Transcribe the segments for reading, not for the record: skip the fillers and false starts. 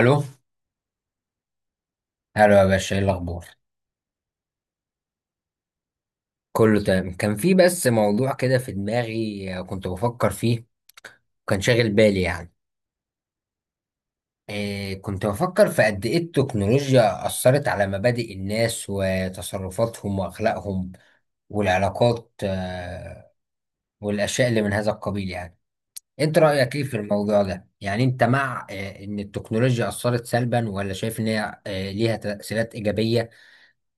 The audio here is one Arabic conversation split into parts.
الو الو يا باشا، ايه الاخبار؟ كله تمام. كان في بس موضوع كده في دماغي، كنت بفكر فيه. كان شاغل بالي يعني. إيه، كنت بفكر في قد ايه التكنولوجيا اثرت على مبادئ الناس وتصرفاتهم واخلاقهم والعلاقات، والاشياء اللي من هذا القبيل يعني. انت رايك ايه في الموضوع ده؟ يعني انت مع ان التكنولوجيا اثرت سلبا، ولا شايف ان هي ليها تاثيرات ايجابيه،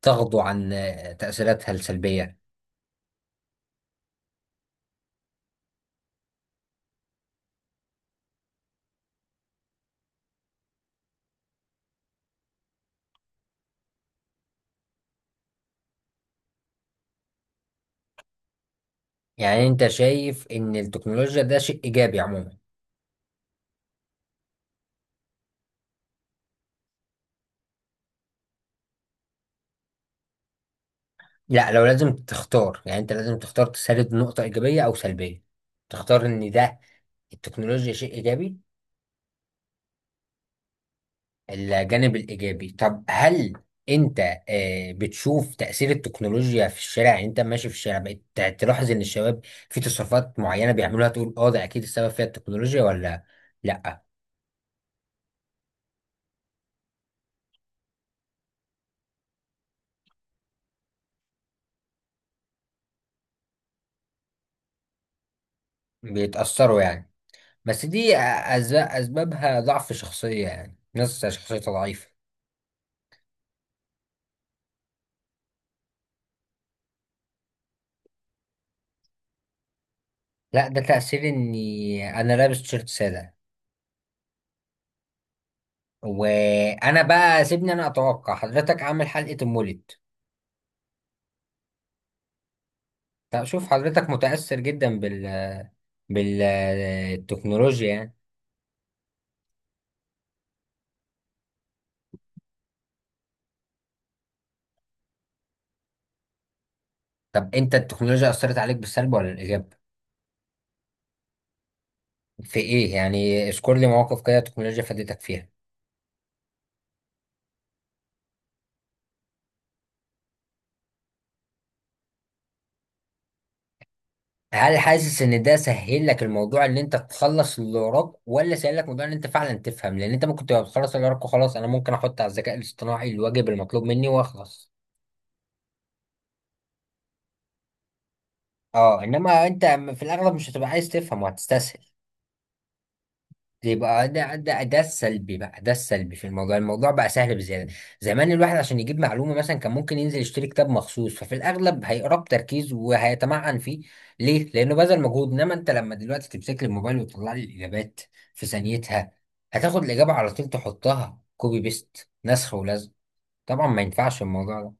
تغضو عن تاثيراتها السلبيه؟ يعني انت شايف ان التكنولوجيا ده شيء ايجابي عموما. لا، لو لازم تختار، يعني انت لازم تختار تسرد نقطة ايجابية او سلبية، تختار ان ده التكنولوجيا شيء ايجابي. الجانب الايجابي. طب هل انت بتشوف تأثير التكنولوجيا في الشارع؟ يعني انت ماشي في الشارع بقيت تلاحظ ان الشباب في تصرفات معينة بيعملوها، تقول اه ده اكيد السبب فيها التكنولوجيا، ولا لا؟ بيتأثروا يعني. بس دي اسبابها ضعف شخصية، يعني ناس شخصيتها ضعيفة. لا، ده تأثير اني انا لابس تيشيرت سادة. وانا بقى سيبني، انا اتوقع حضرتك عامل حلقة المولد. طب شوف، حضرتك متأثر جدا بالتكنولوجيا يعني. طب انت، التكنولوجيا اثرت عليك بالسلب ولا الايجاب؟ في ايه يعني؟ اذكر لي مواقف كده التكنولوجيا فادتك فيها. هل حاسس ان ده سهل لك الموضوع، ان انت تخلص اللي وراك، ولا سهل لك موضوع ان انت فعلا تفهم؟ لان انت ممكن تبقى بتخلص اللي وراك وخلاص، انا ممكن احط على الذكاء الاصطناعي الواجب المطلوب مني واخلص. اه، انما انت في الاغلب مش هتبقى عايز تفهم وهتستسهل. دي يبقى ده السلبي بقى، ده السلبي في الموضوع. الموضوع بقى سهل بزياده. زمان الواحد عشان يجيب معلومه مثلا كان ممكن ينزل يشتري كتاب مخصوص، ففي الاغلب هيقراه بتركيز وهيتمعن فيه. ليه؟ لانه بذل مجهود. انما انت لما دلوقتي تمسك لي الموبايل وتطلع لي الاجابات في ثانيتها، هتاخد الاجابه على طول، تحطها كوبي بيست، نسخ ولزق. طبعا ما ينفعش الموضوع ده.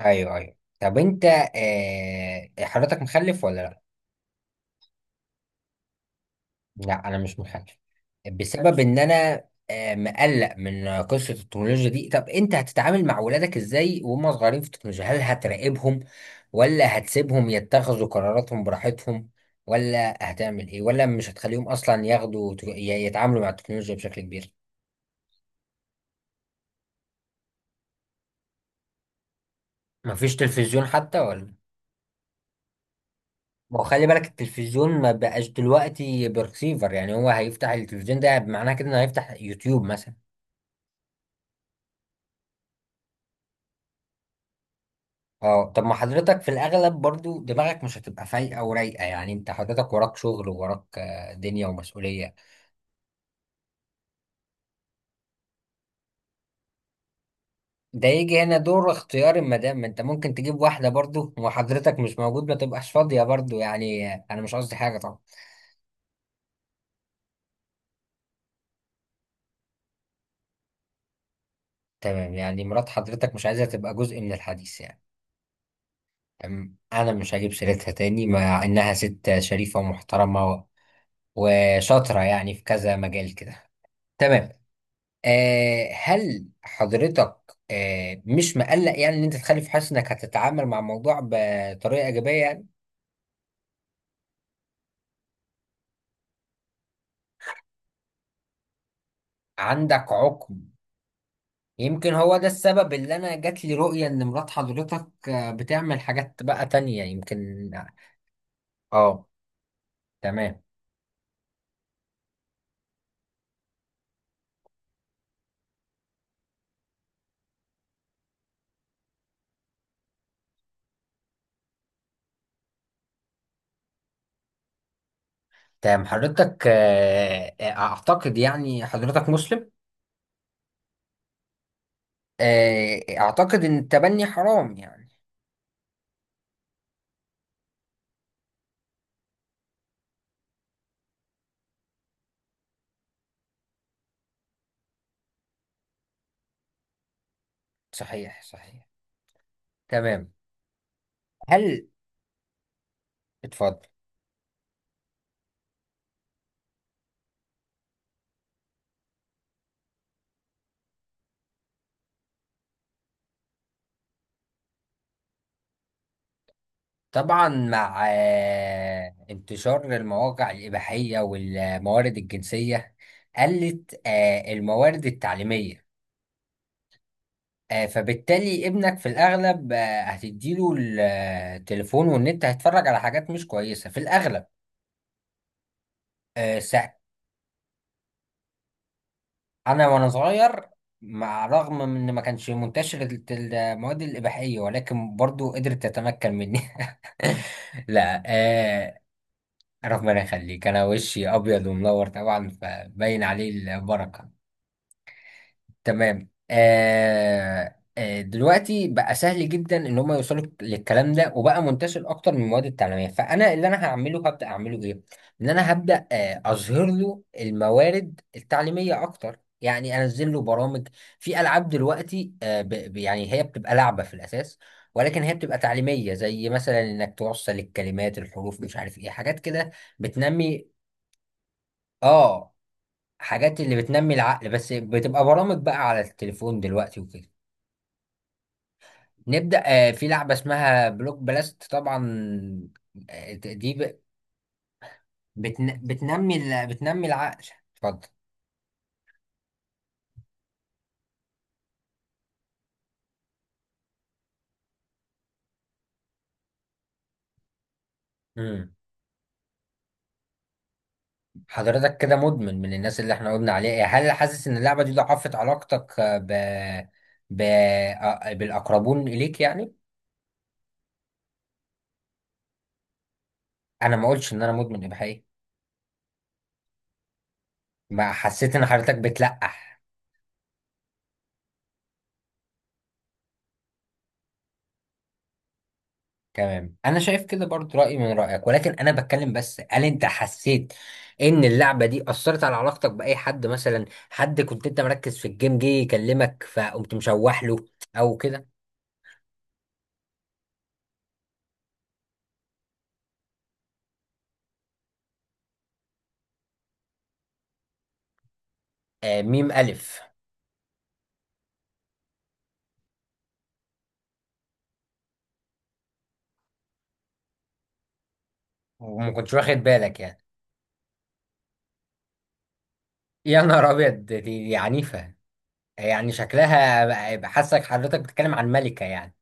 ايوه، ايوه. طب انت، حضرتك مخلف ولا لا؟ لا، انا مش محجب بسبب ان انا مقلق من قصه التكنولوجيا دي. طب انت هتتعامل مع ولادك ازاي وهم صغيرين في التكنولوجيا؟ هل هتراقبهم، ولا هتسيبهم يتخذوا قراراتهم براحتهم، ولا هتعمل ايه؟ ولا مش هتخليهم اصلا ياخدوا يتعاملوا مع التكنولوجيا بشكل كبير؟ مفيش تلفزيون حتى ولا؟ ما هو خلي بالك، التلفزيون ما بقاش دلوقتي برسيفر، يعني هو هيفتح التلفزيون ده معناه كده انه هيفتح يوتيوب مثلا. اه، طب ما حضرتك في الاغلب برضو دماغك مش هتبقى فايقه ورايقه، يعني انت حضرتك وراك شغل ووراك دنيا ومسؤوليه. ده يجي هنا دور اختيار المدام. ما انت ممكن تجيب واحده برضو وحضرتك مش موجود، ما تبقاش فاضيه برضو، يعني انا مش قصدي حاجه طبعا. تمام. يعني مرات حضرتك مش عايزه تبقى جزء من الحديث يعني. تمام، انا مش هجيب سيرتها تاني مع انها ست شريفه ومحترمه وشاطره يعني في كذا مجال كده. تمام. هل حضرتك مش مقلق يعني ان انت تخلف، حاسس انك هتتعامل مع الموضوع بطريقه ايجابيه يعني؟ عندك عقم؟ يمكن هو ده السبب اللي انا جات لي رؤيه ان مرات حضرتك بتعمل حاجات بقى تانية يمكن. اه. تمام، تمام. حضرتك اعتقد يعني حضرتك مسلم. اعتقد ان التبني حرام يعني. صحيح، صحيح. تمام. هل اتفضل طبعا مع انتشار المواقع الإباحية والموارد الجنسية، قلت الموارد التعليمية. فبالتالي ابنك في الأغلب هتديله التليفون والنت هيتفرج على حاجات مش كويسة في الأغلب. آه، سا- أنا وأنا صغير، مع رغم من إن ما كانش منتشر المواد الإباحية، ولكن برضو قدرت تتمكن مني. لا. ربنا يخليك، انا وشي ابيض ومنور طبعا، فباين عليه البركه. تمام. دلوقتي بقى سهل جدا ان هم يوصلوا للكلام ده، وبقى منتشر اكتر من المواد التعليميه. فانا اللي انا هعمله، هبدا اعمله ايه؟ ان انا هبدا اظهر له الموارد التعليميه اكتر، يعني انزل له برامج. في العاب دلوقتي يعني هي بتبقى لعبه في الاساس، ولكن هي بتبقى تعليميه، زي مثلا انك توصل الكلمات، الحروف، مش عارف ايه حاجات كده بتنمي اه حاجات اللي بتنمي العقل، بس بتبقى برامج بقى على التليفون دلوقتي وكده. نبدأ. في لعبة اسمها بلوك بلاست طبعا. دي بتن... بتنمي بتنمي العقل. اتفضل. امم حضرتك كده مدمن من الناس اللي احنا قلنا عليها إيه، هل حاسس ان اللعبة دي ضعفت علاقتك آه، ب... ب... آه، بالأقربون إليك يعني؟ انا ما قلتش ان انا مدمن يا بحقيقة. ما حسيت ان حضرتك بتلقح؟ تمام، انا شايف كده برضو رايي من رايك، ولكن انا بتكلم بس، هل انت حسيت ان اللعبه دي اثرت على علاقتك باي حد مثلا، حد كنت انت مركز في الجيم جه يكلمك فقمت مشوح له او كده؟ آه، ميم الف، وما كنتش واخد بالك يعني؟ يا نهار ابيض، دي عنيفه. يعني شكلها بقى، حاسك حضرتك بتتكلم عن ملكه يعني.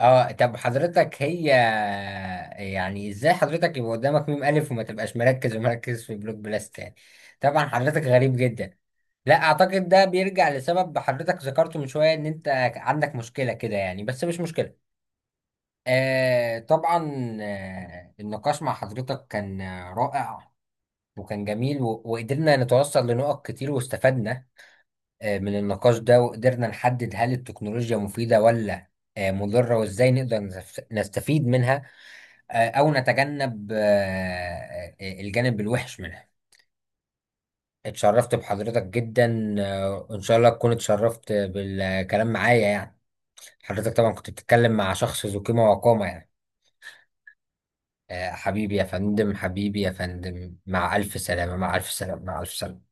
اه، طب حضرتك هي، يعني ازاي حضرتك يبقى قدامك ميم الف وما تبقاش مركز ومركز في بلوك بلاست يعني؟ طبعا حضرتك غريب جدا. لا اعتقد ده بيرجع لسبب حضرتك ذكرته من شوية، ان انت عندك مشكلة كده يعني، بس مش مشكلة. طبعا. النقاش مع حضرتك كان رائع، وكان جميل وقدرنا نتوصل لنقط كتير واستفدنا من النقاش ده، وقدرنا نحدد هل التكنولوجيا مفيدة ولا مضرة، وازاي نقدر نستفيد منها او نتجنب الجانب الوحش منها. اتشرفت بحضرتك جدا، وان شاء الله تكون اتشرفت بالكلام معايا يعني. حضرتك طبعا كنت بتتكلم مع شخص ذو قيمة وقامة يعني. حبيبي يا فندم، حبيبي يا فندم، مع ألف سلامة، مع ألف سلامة، مع ألف سلامة.